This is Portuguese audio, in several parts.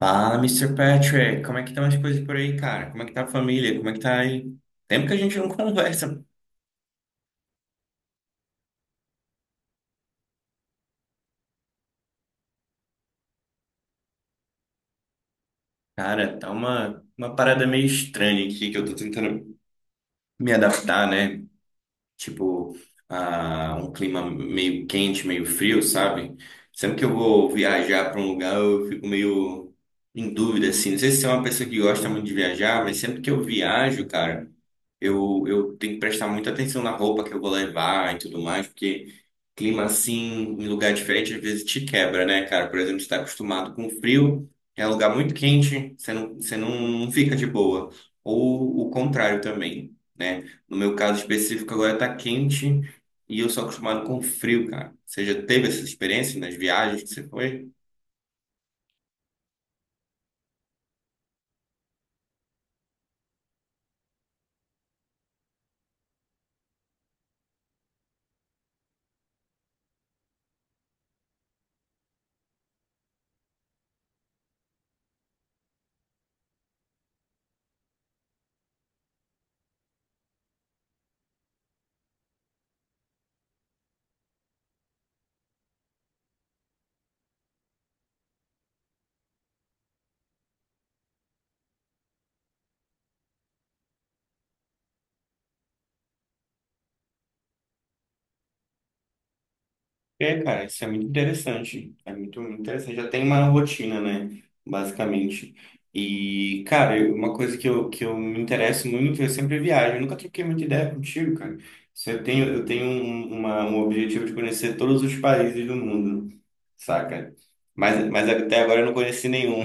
Fala, Mister Patrick, como é que estão as coisas por aí, cara? Como é que tá a família? Como é que tá aí? Tempo que a gente não conversa. Cara, tá uma parada meio estranha aqui que eu tô tentando me adaptar, né? Tipo, a um clima meio quente, meio frio, sabe? Sempre que eu vou viajar pra um lugar, eu fico meio em dúvida, assim. Não sei se você é uma pessoa que gosta muito de viajar, mas sempre que eu viajo, cara. Eu tenho que prestar muita atenção na roupa que eu vou levar e tudo mais, porque clima assim, em lugar diferente, às vezes te quebra, né, cara? Por exemplo, você está acostumado com frio, é um lugar muito quente, você não, não fica de boa. Ou o contrário também, né? No meu caso específico, agora tá quente e eu sou acostumado com frio, cara. Você já teve essa experiência nas viagens que você foi? É, cara, isso é muito interessante. É muito interessante. Já tem uma rotina, né? Basicamente. E, cara, uma coisa que eu me interesso muito, eu sempre viajo. Eu nunca troquei muita ideia contigo, cara. Se eu tenho um objetivo de conhecer todos os países do mundo, saca? Mas até agora eu não conheci nenhum.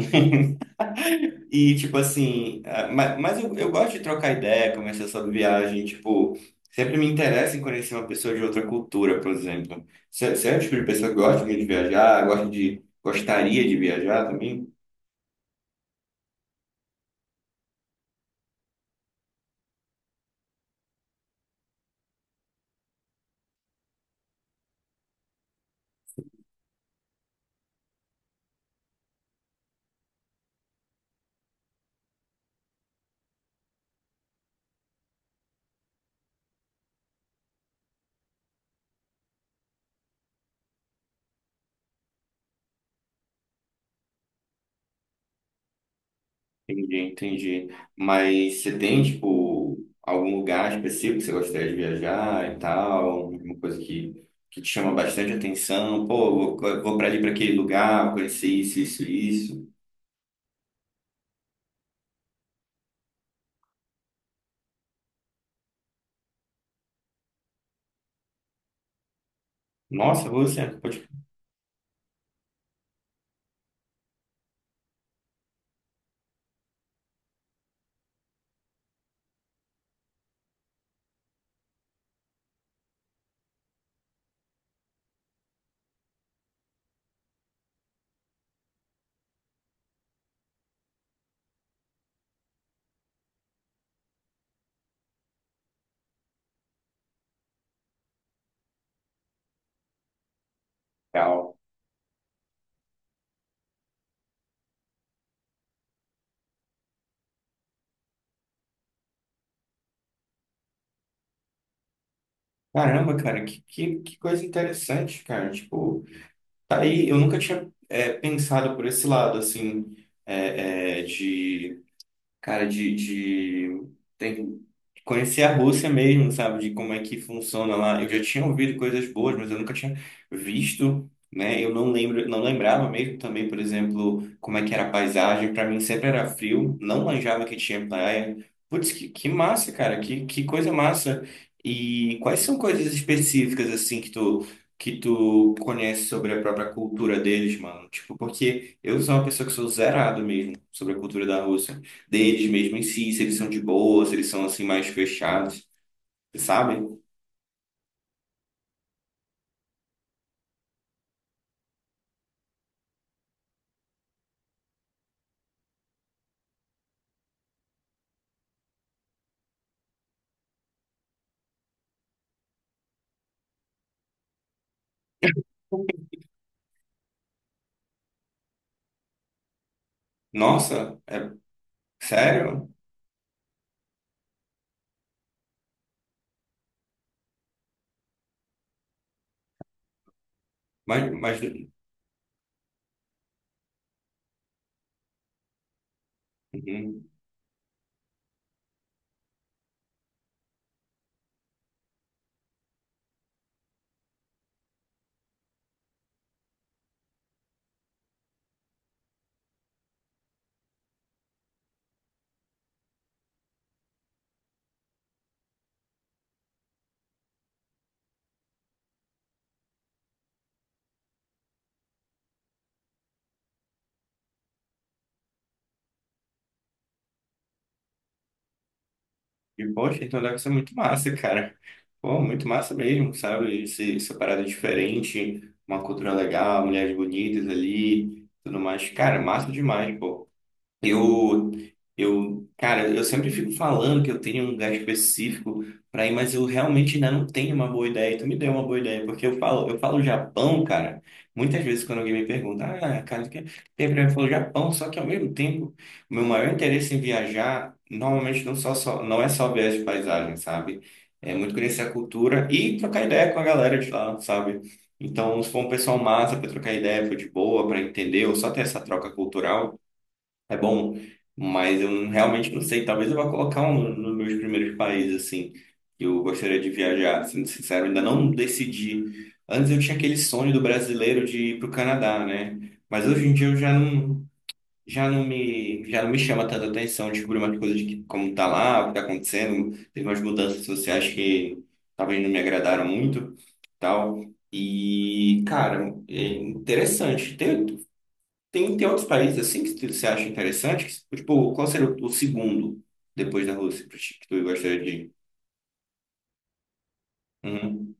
E, tipo assim, ah, mas eu gosto de trocar ideia, conversar sobre viagem, tipo, sempre me interessa em conhecer uma pessoa de outra cultura, por exemplo. Você é o tipo de pessoa que gosta de viajar, gosta de, gostaria de viajar também? Entendi, entendi. Mas você tem, tipo, algum lugar específico que você gostaria de viajar e tal, alguma coisa que te chama bastante atenção? Pô, vou pra ali, pra aquele lugar, vou conhecer isso, isso, isso. Nossa, você, pode... Caramba, cara, que coisa interessante, cara. Tipo, tá aí, eu nunca tinha pensado por esse lado, assim, de cara, de tem- que conhecer a Rússia mesmo, sabe? De como é que funciona lá. Eu já tinha ouvido coisas boas, mas eu nunca tinha visto, né? Eu não lembro, não lembrava mesmo também, por exemplo, como é que era a paisagem. Para mim sempre era frio, não manjava que tinha praia. Putz, que massa, cara, que coisa massa. E quais são coisas específicas, assim, que tu. Que tu conhece sobre a própria cultura deles, mano. Tipo, porque eu sou uma pessoa que sou zerado mesmo sobre a cultura da Rússia deles mesmo em si, se eles são de boa, se eles são assim mais fechados, sabe? Nossa, é sério? Mas uhum. E poxa, então deve ser muito massa, cara. Pô, muito massa mesmo, sabe? Essa parada diferente, uma cultura legal, mulheres bonitas ali, tudo mais. Cara, massa demais, pô. Eu, cara, eu sempre fico falando que eu tenho um lugar específico para ir, mas eu realmente ainda não tenho uma boa ideia. E tu me deu uma boa ideia, porque eu falo Japão, cara. Muitas vezes quando alguém me pergunta, ah, cara, o que tem pra mim? Eu falo Japão, só que ao mesmo tempo, o meu maior interesse em viajar, normalmente só não é só ver as paisagens, sabe? É muito conhecer a cultura e trocar ideia com a galera de lá, sabe? Então, se for um pessoal massa para trocar ideia, for de boa, para entender, ou só ter essa troca cultural é bom, mas eu não- realmente não sei. Talvez eu vá colocar nos meus primeiros países, assim, que eu gostaria de viajar. Sendo sincero, ainda não decidi. Antes eu tinha aquele sonho do brasileiro de ir para o Canadá, né? Mas hoje em dia eu já não me chama tanta atenção descobrir umas coisas como tá lá, o que tá acontecendo. Teve umas mudanças sociais que talvez não me agradaram muito, tal. E, cara, é interessante. Tem outros países assim que você acha interessante? Que, tipo, qual seria o segundo depois da Rússia pra ti, que tu gostaria de ir? Uhum.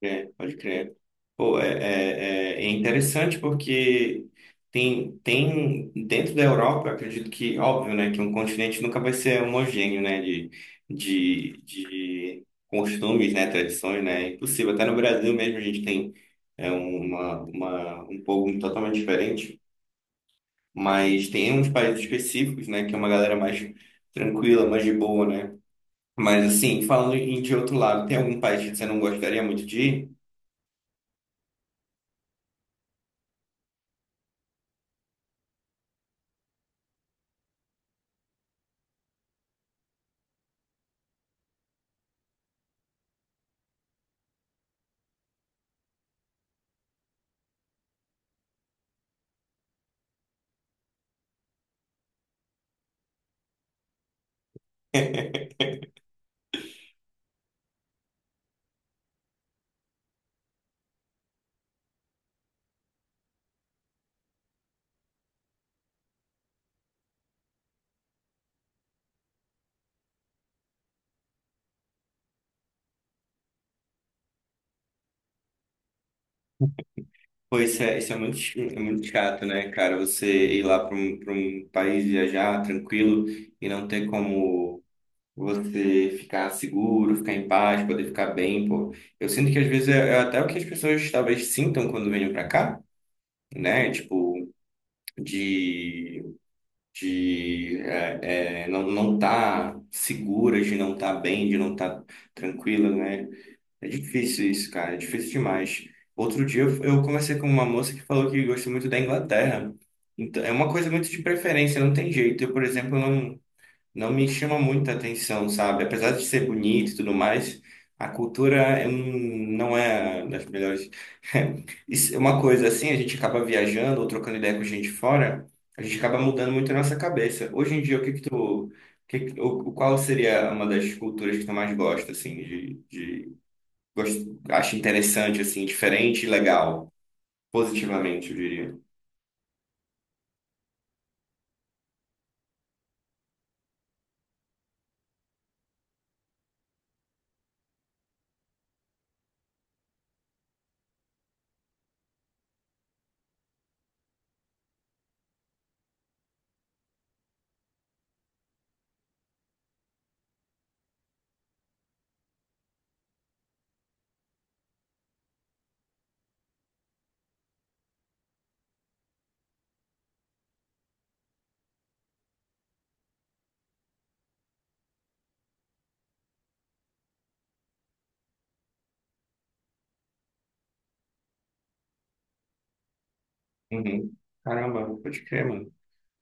É, pode crer. Pô, é é interessante porque tem dentro da Europa, eu acredito que, óbvio, né, que um continente nunca vai ser homogêneo, né, de costumes, né, tradições, né, é impossível. Até no Brasil mesmo a gente tem um povo totalmente diferente. Mas tem uns países específicos, né, que é uma galera mais tranquila, mais de boa, né? Mas assim, falando em de outro lado, tem algum país que você não gostaria muito de ir? Pô, isso é muito, é muito chato, né, cara? Você ir lá para para um país viajar tranquilo e não ter como você ficar seguro, ficar em paz, poder ficar bem, pô. Eu sinto que às vezes é até o que as pessoas talvez sintam quando venham para cá, né? Tipo, de não não tá segura, de não tá bem, de não tá tranquila, né? É difícil isso, cara, é difícil demais. Outro dia eu conversei com uma moça que falou que gosta muito da Inglaterra. Então, é uma coisa muito de preferência, não tem jeito. Eu, por exemplo, não me chama muita atenção, sabe? Apesar de ser bonito e tudo mais, a cultura é não é das melhores. Isso é uma coisa assim, a gente acaba viajando ou trocando ideia com gente fora, a gente acaba mudando muito a nossa cabeça. Hoje em dia, o que que tu, o que que- o- qual seria uma das culturas que tu mais gosta, assim, de acha interessante, assim, diferente e legal, positivamente, eu diria. Uhum. Caramba, pode crer, mano.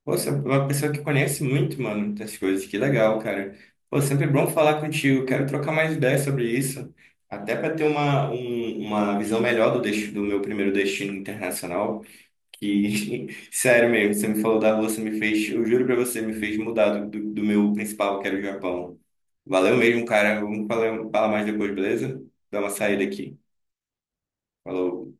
Pô, você é uma pessoa que conhece muito, mano, muitas coisas. Que legal, cara. Pô, sempre é bom falar contigo. Quero trocar mais ideias sobre isso. Até para ter uma visão melhor do, destino, do meu primeiro destino internacional. Que, sério mesmo, você me falou da Rússia, me fez, eu juro pra você, me fez mudar do meu principal, que era o Japão. Valeu mesmo, cara. Vamos falar mais depois, beleza? Dá uma saída aqui. Falou.